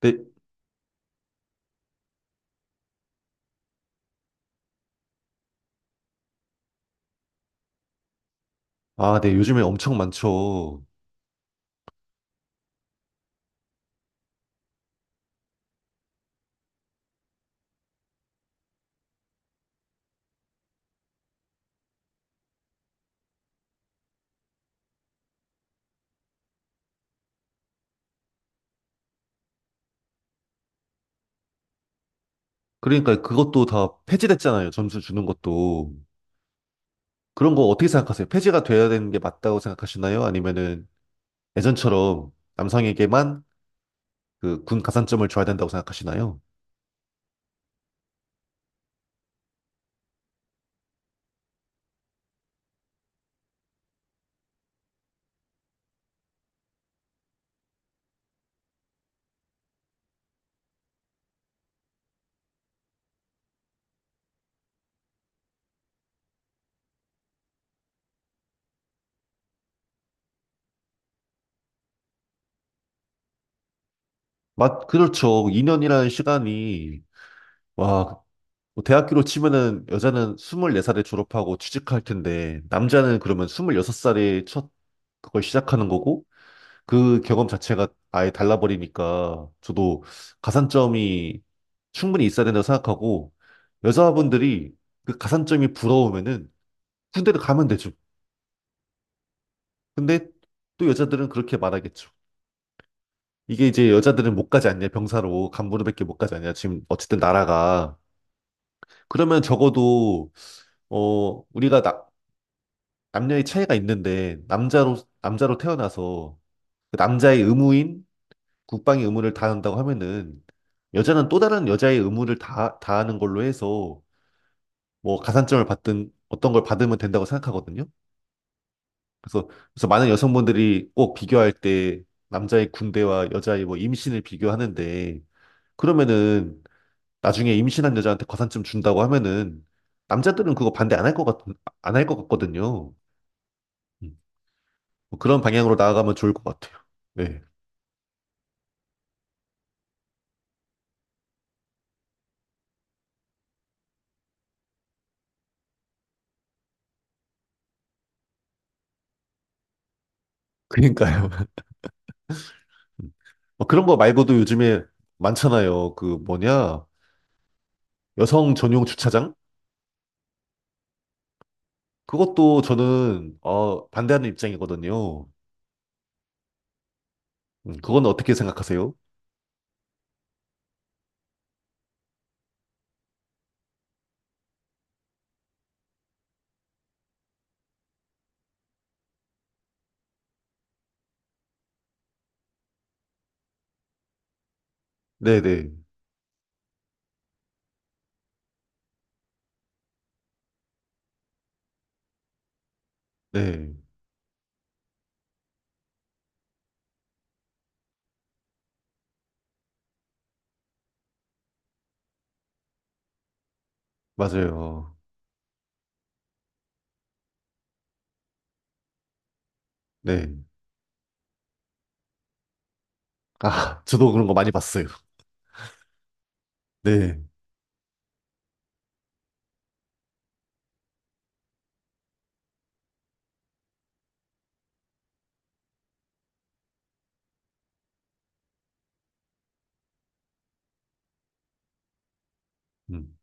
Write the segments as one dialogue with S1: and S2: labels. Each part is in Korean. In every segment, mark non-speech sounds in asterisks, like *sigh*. S1: 네, 아, 네, 요즘에 엄청 많죠. 그러니까 그것도 다 폐지됐잖아요. 점수 주는 것도. 그런 거 어떻게 생각하세요? 폐지가 돼야 되는 게 맞다고 생각하시나요? 아니면은 예전처럼 남성에게만 그 군 가산점을 줘야 된다고 생각하시나요? 그렇죠. 2년이라는 시간이, 와, 뭐 대학교로 치면은 여자는 24살에 졸업하고 취직할 텐데, 남자는 그러면 26살에 첫 그걸 시작하는 거고, 그 경험 자체가 아예 달라버리니까 저도 가산점이 충분히 있어야 된다고 생각하고 여자분들이 그 가산점이 부러우면은 군대를 가면 되죠. 근데 또 여자들은 그렇게 말하겠죠. 이게 이제 여자들은 못 가지 않냐, 병사로. 간부로밖에 못 가지 않냐, 지금 어쨌든 나라가. 그러면 적어도, 어, 우리가 남녀의 차이가 있는데, 남자로 태어나서, 그 남자의 의무인 국방의 의무를 다한다고 하면은 여자는 또 다른 여자의 의무를 다 다하는 걸로 해서 뭐 가산점을 받든 어떤 걸 받으면 된다고 생각하거든요. 그래서 그래서 많은 여성분들이 꼭 비교할 때 남자의 군대와 여자의 뭐 임신을 비교하는데 그러면은 나중에 임신한 여자한테 가산점 준다고 하면은 남자들은 그거 반대 안 할 것 같거든요. 음. 뭐 그런 방향으로 나아가면 좋을 것 같아요. 네. 그러니까요. *laughs* 음. 뭐 그런 거 말고도 요즘에 많잖아요. 그 뭐냐? 여성 전용 주차장? 그것도 저는 반대하는 입장이거든요. 그건 어떻게 생각하세요? 네네. 네. 네. 맞아요. 네. 아, *laughs* 저도 그런 거 많이 봤어요. 네. 음,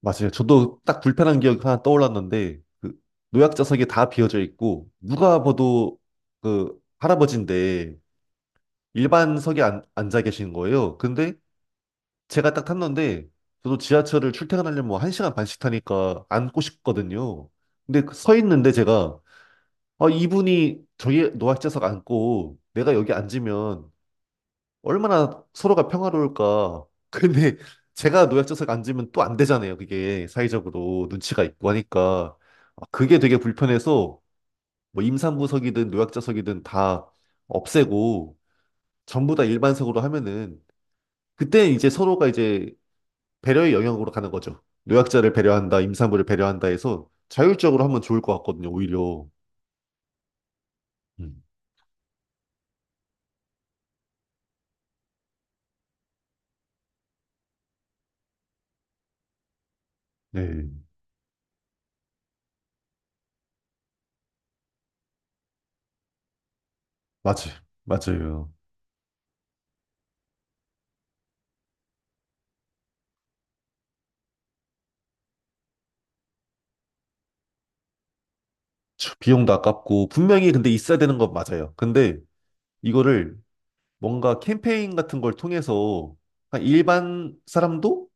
S1: 맞아요. 저도 딱 불편한 기억이 하나 떠올랐는데, 그 노약자석이 다 비어져 있고, 누가 봐도 그 할아버지인데 일반석에 앉아 계신 거예요. 근데 제가 딱 탔는데 저도 지하철을 출퇴근하려면 뭐 1시간 반씩 타니까 앉고 싶거든요. 근데 그서 있는데 제가 아, 이분이 저기 노약자석 앉고 내가 여기 앉으면 얼마나 서로가 평화로울까. *laughs* 근데 제가 노약자석 앉으면 또 안 되잖아요. 그게 사회적으로 눈치가 있고 하니까 아, 그게 되게 불편해서 뭐 임산부석이든 노약자석이든 다 없애고 전부 다 일반석으로 하면은 그때 이제 서로가 이제 배려의 영역으로 가는 거죠. 노약자를 배려한다, 임산부를 배려한다 해서 자율적으로 하면 좋을 것 같거든요, 오히려. 음. 네, 맞아요. 맞아요. 참, 비용도 아깝고, 분명히 근데 있어야 되는 건 맞아요. 근데 이거를 뭔가 캠페인 같은 걸 통해서 그냥 일반 사람도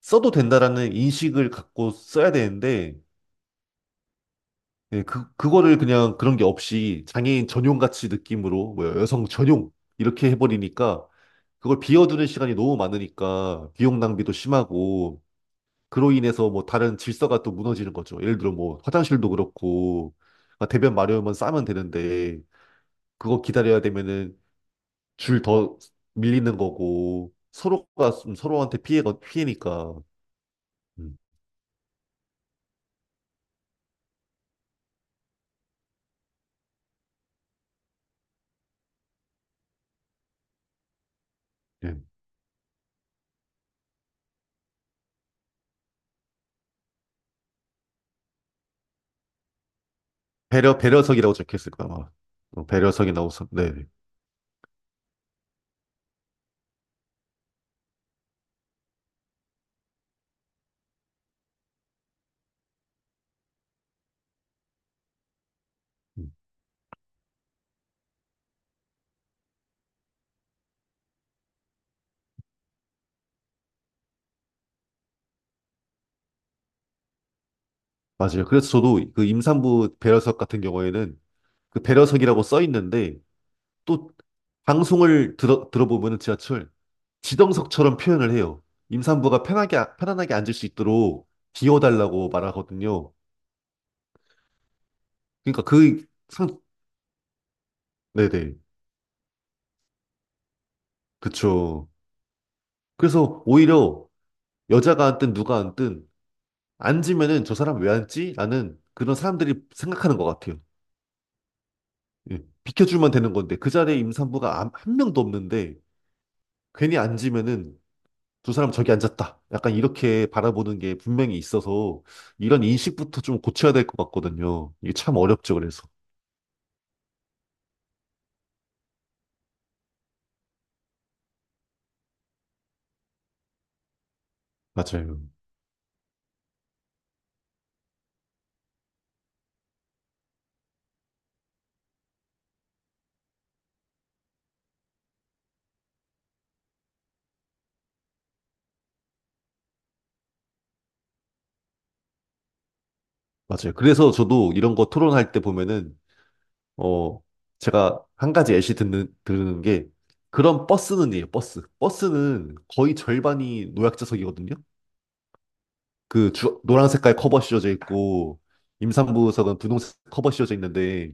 S1: 써도 된다라는 인식을 갖고 써야 되는데, 네, 그거를 그냥 그런 게 없이 장애인 전용 같이 느낌으로, 뭐 여성 전용 이렇게 해버리니까 그걸 비워두는 시간이 너무 많으니까 비용 낭비도 심하고 그로 인해서 뭐 다른 질서가 또 무너지는 거죠. 예를 들어 뭐 화장실도 그렇고 그러니까 대변 마려우면 싸면 되는데 그거 기다려야 되면은 줄 더 밀리는 거고 서로가 좀 서로한테 피해가 피해니까 음, 예. 배려석이라고 적혀있을 거야 아마 어, 배려석이 나오서 네 음, 맞아요. 그래서 저도 그 임산부 배려석 같은 경우에는 그 배려석이라고 써 있는데 또 방송을 들어보면은 지하철 지정석처럼 표현을 해요. 임산부가 편하게, 편안하게 앉을 수 있도록 비워달라고 말하거든요. 그러니까 그 상, 네네. 그쵸. 그래서 오히려 여자가 앉든 누가 앉든 앉으면은 저 사람 왜 앉지? 라는 그런 사람들이 생각하는 것 같아요. 예, 비켜주면 되는 건데 그 자리에 임산부가 한 명도 없는데 괜히 앉으면은 두 사람 저기 앉았다. 약간 이렇게 바라보는 게 분명히 있어서 이런 인식부터 좀 고쳐야 될 것 같거든요. 이게 참 어렵죠, 그래서. 맞아요. 맞아요. 그래서 저도 이런 거 토론할 때 보면은, 어, 제가 한 가지 예시 들은 게 그런 버스는 이에요, 버스. 버스는 거의 절반이 노약자석이거든요. 그 노란 색깔 커버 씌워져 있고 임산부석은 분홍색 커버 씌워져 있는데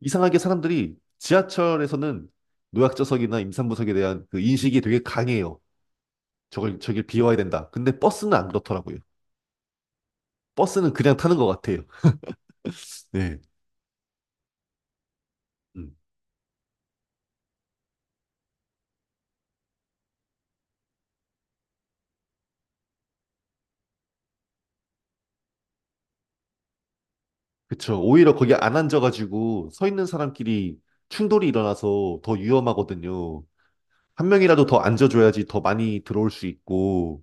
S1: 이상하게 사람들이 지하철에서는 노약자석이나 임산부석에 대한 그 인식이 되게 강해요. 저길 비워야 된다. 근데 버스는 안 그렇더라고요. 버스는 그냥 타는 것 같아요. 네. 음. 그쵸. 오히려 거기 안 앉아가지고 서 있는 사람끼리 충돌이 일어나서 더 위험하거든요. 한 명이라도 더 앉아줘야지 더 많이 들어올 수 있고.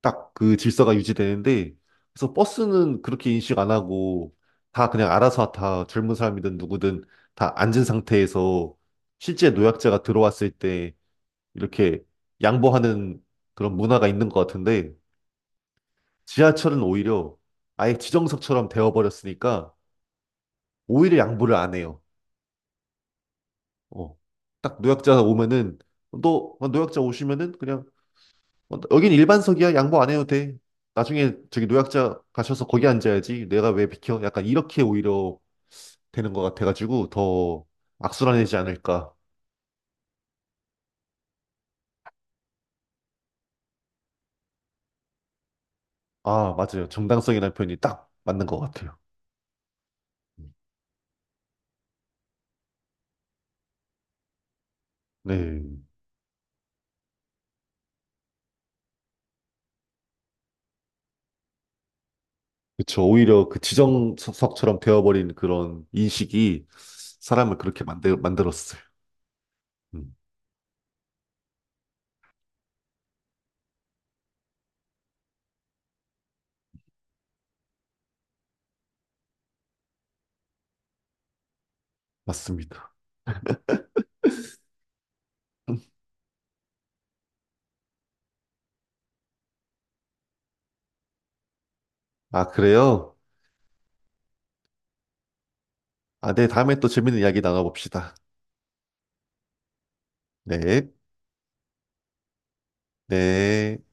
S1: 딱 그 질서가 유지되는데 그래서 버스는 그렇게 인식 안 하고 다 그냥 알아서 다 젊은 사람이든 누구든 다 앉은 상태에서 실제 노약자가 들어왔을 때 이렇게 양보하는 그런 문화가 있는 것 같은데 지하철은 오히려 아예 지정석처럼 되어버렸으니까 오히려 양보를 안 해요. 어. 딱 노약자 오면은 너 노약자 오시면은 그냥 여긴 일반석이야. 양보 안 해도 돼. 나중에 저기 노약자 가셔서 거기 앉아야지. 내가 왜 비켜? 약간 이렇게 오히려 되는 것 같아가지고 더 악순환이지 않을까. 아, 맞아요. 정당성이라는 표현이 딱 맞는 것 같아요. 네. 그쵸. 오히려 그 지정석처럼 되어버린 그런 인식이 사람을 그렇게 만들었어요. 음, 맞습니다. 아, 그래요? 아, 네. 다음에 또 재밌는 이야기 나눠봅시다. 네. 네.